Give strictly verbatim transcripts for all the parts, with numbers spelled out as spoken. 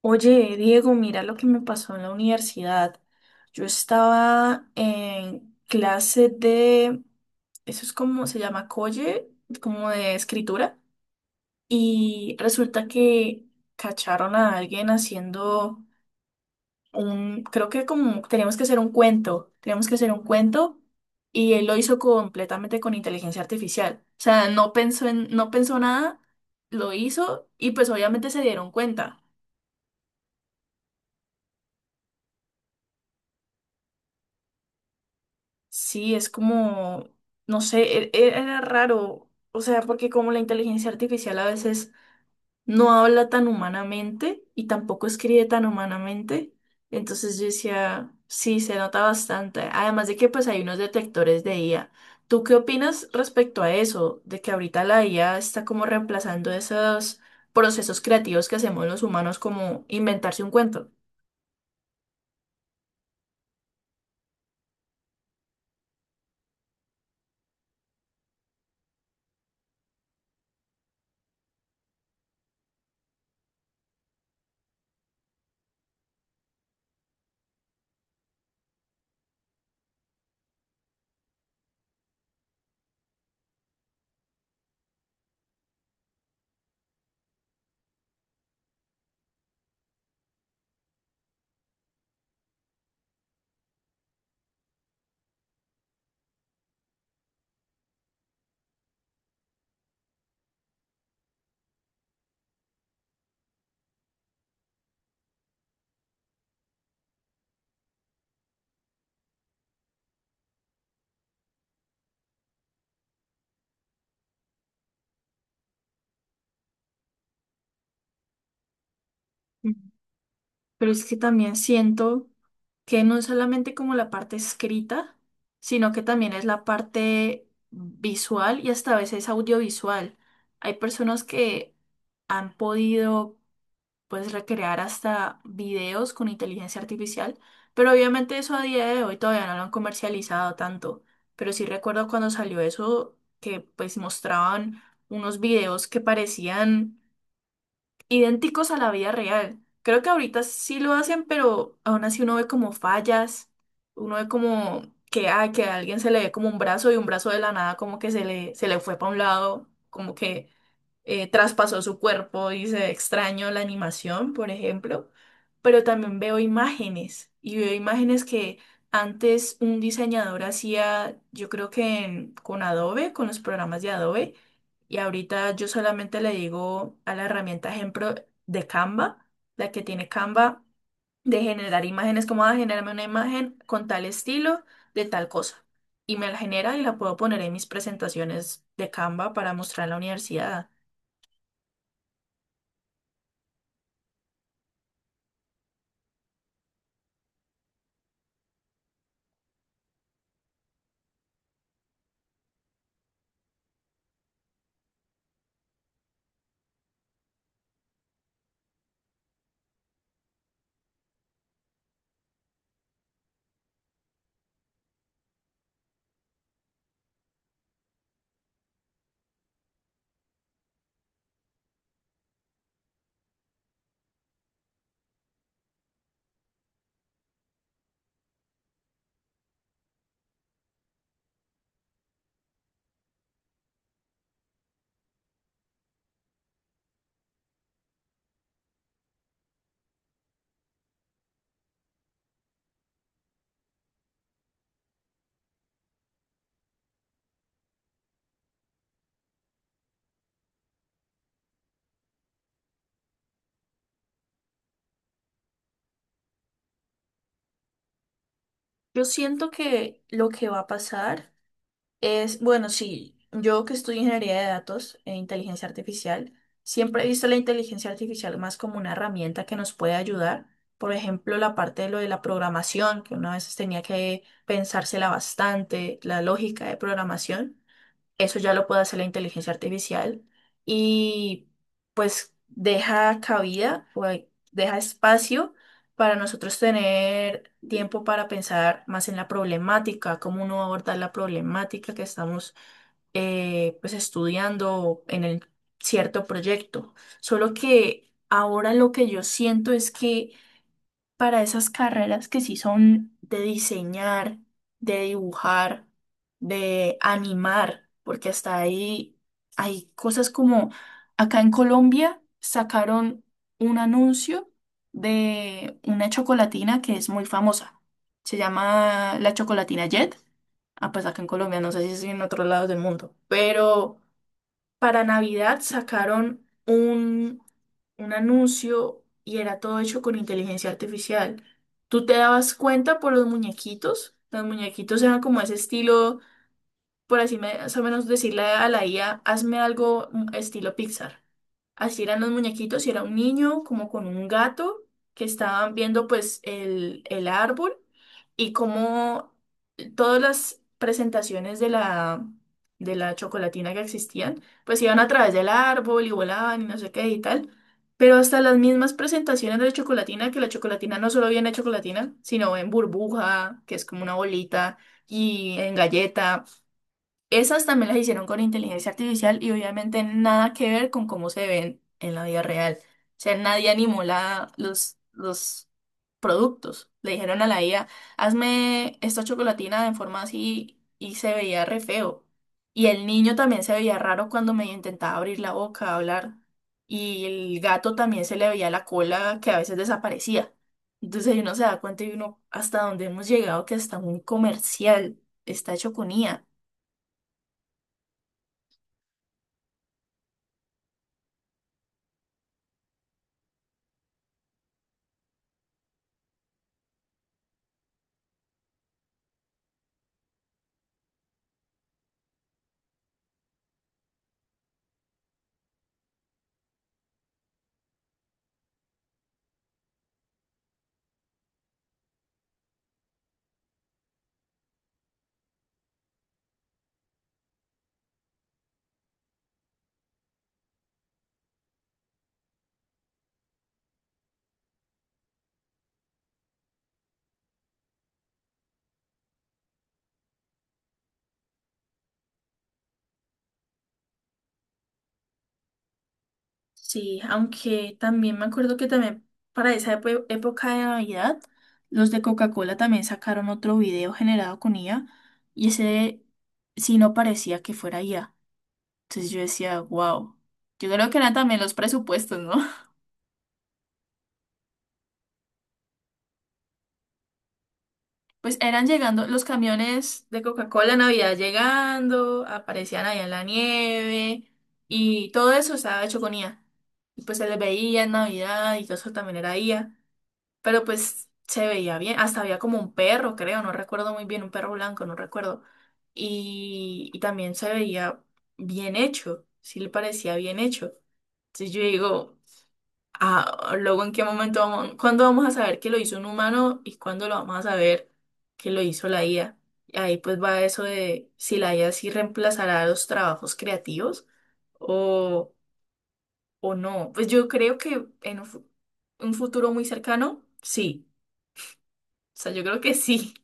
Oye, Diego, mira lo que me pasó en la universidad. Yo estaba en clase de, eso es como se llama colle, como de escritura, y resulta que cacharon a alguien haciendo un, creo que como teníamos que hacer un cuento, teníamos que hacer un cuento y él lo hizo completamente con inteligencia artificial. O sea, no pensó en, no pensó nada, lo hizo y pues obviamente se dieron cuenta. Sí, es como, no sé, e- e- era raro, o sea, porque como la inteligencia artificial a veces no habla tan humanamente y tampoco escribe tan humanamente, entonces yo decía, sí, se nota bastante, además de que pues hay unos detectores de I A. ¿Tú qué opinas respecto a eso, de que ahorita la I A está como reemplazando esos procesos creativos que hacemos los humanos, como inventarse un cuento? Mm. Pero es que también siento que no es solamente como la parte escrita, sino que también es la parte visual y hasta a veces audiovisual. Hay personas que han podido pues recrear hasta videos con inteligencia artificial, pero obviamente eso a día de hoy todavía no lo han comercializado tanto. Pero sí recuerdo cuando salió eso que pues mostraban unos videos que parecían idénticos a la vida real. Creo que ahorita sí lo hacen, pero aún así uno ve como fallas, uno ve como que, ah, que a alguien se le ve como un brazo y un brazo de la nada como que se le, se le fue para un lado, como que eh, traspasó su cuerpo y se extraño la animación, por ejemplo, pero también veo imágenes y veo imágenes que antes un diseñador hacía, yo creo que en- con Adobe, con los programas de Adobe, y ahorita yo solamente le digo a la herramienta ejemplo de Canva, la que tiene Canva, de generar imágenes, como a generarme una imagen con tal estilo, de tal cosa. Y me la genera y la puedo poner en mis presentaciones de Canva para mostrar en la universidad. Yo siento que lo que va a pasar es, bueno, sí, yo que estudio ingeniería de datos e inteligencia artificial, siempre he visto la inteligencia artificial más como una herramienta que nos puede ayudar. Por ejemplo, la parte de lo de la programación, que una vez tenía que pensársela bastante, la lógica de programación. Eso ya lo puede hacer la inteligencia artificial y pues deja cabida o hay- deja espacio para nosotros tener tiempo para pensar más en la problemática, cómo uno va a abordar la problemática que estamos eh, pues estudiando en el cierto proyecto. Solo que ahora lo que yo siento es que para esas carreras que sí son de diseñar, de dibujar, de animar, porque hasta ahí hay cosas como acá en Colombia sacaron un anuncio de una chocolatina que es muy famosa. Se llama la chocolatina Jet. Ah, pues acá en Colombia, no sé si es en otros lados del mundo, pero para Navidad sacaron un, un anuncio y era todo hecho con inteligencia artificial. Tú te dabas cuenta por los muñequitos. Los muñequitos eran como ese estilo por así más o menos decirle a la I A, hazme algo mm, estilo Pixar. Así eran los muñequitos y era un niño como con un gato que estaban viendo pues el, el árbol y como todas las presentaciones de la, de la chocolatina que existían, pues iban a través del árbol y volaban y no sé qué y tal. Pero hasta las mismas presentaciones de la chocolatina, que la chocolatina no solo viene en chocolatina, sino en burbuja, que es como una bolita, y en galleta. Esas también las hicieron con inteligencia artificial y obviamente nada que ver con cómo se ven en la vida real. O sea, nadie animó la, los, los productos. Le dijeron a la I A, hazme esta chocolatina de forma así y se veía re feo. Y el niño también se veía raro cuando me intentaba abrir la boca, hablar. Y el gato también se le veía la cola que a veces desaparecía. Entonces ahí uno se da cuenta y uno hasta dónde hemos llegado que está muy comercial, está hecho con I A. Sí, aunque también me acuerdo que también para esa epo- época de Navidad, los de Coca-Cola también sacaron otro video generado con I A y ese sí no parecía que fuera I A. Entonces yo decía, wow. Yo creo que eran también los presupuestos, ¿no? Pues eran llegando los camiones de Coca-Cola en Navidad llegando, aparecían allá en la nieve y todo eso estaba hecho con I A. Y pues se les veía en Navidad y todo eso también era I A. Pero pues se veía bien, hasta había como un perro, creo, no recuerdo muy bien, un perro blanco, no recuerdo. Y, y también se veía bien hecho, sí le parecía bien hecho. Entonces yo digo, ah, luego en qué momento vamos, cuándo vamos a saber que lo hizo un humano y cuándo lo vamos a saber que lo hizo la I A. Y ahí pues va eso de si la I A sí reemplazará los trabajos creativos o, o no. Pues yo creo que en un fu- un futuro muy cercano, sí sea, yo creo que sí.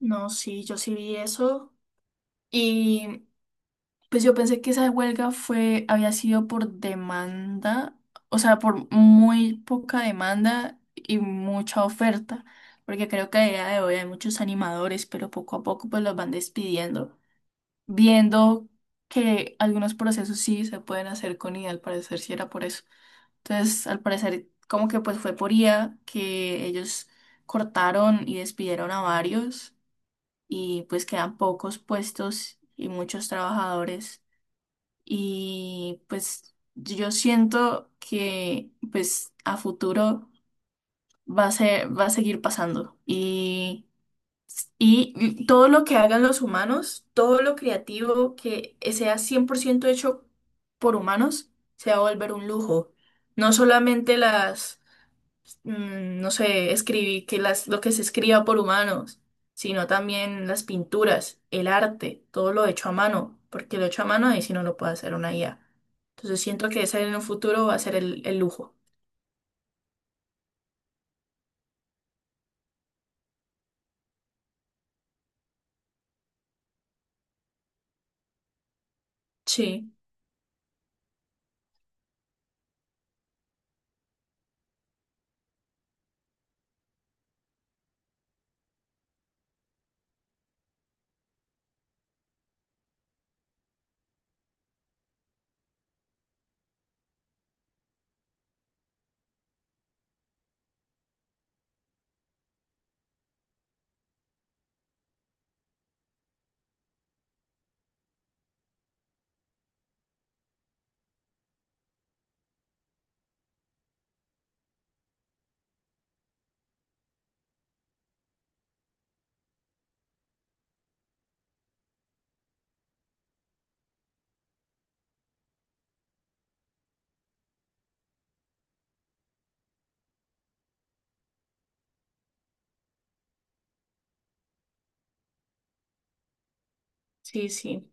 No, sí, yo sí vi eso. Y pues yo pensé que esa huelga fue, había sido por demanda, o sea, por muy poca demanda y mucha oferta, porque creo que a día de hoy hay muchos animadores, pero poco a poco pues los van despidiendo, viendo que algunos procesos sí se pueden hacer con I A, al parecer sí era por eso. Entonces, al parecer como que pues fue por I A que ellos cortaron y despidieron a varios. Y pues quedan pocos puestos y muchos trabajadores y pues yo siento que pues a futuro va a ser, va a seguir pasando y, y todo lo que hagan los humanos, todo lo creativo que sea cien por ciento hecho por humanos, se va a volver un lujo. No solamente las mm, no sé, escribí, que las, lo que se escriba por humanos, sino también las pinturas, el arte, todo lo hecho a mano, porque lo hecho a mano ahí si no lo puede hacer una I A. Entonces siento que ese en un futuro va a ser el, el lujo. Sí, sí, sí.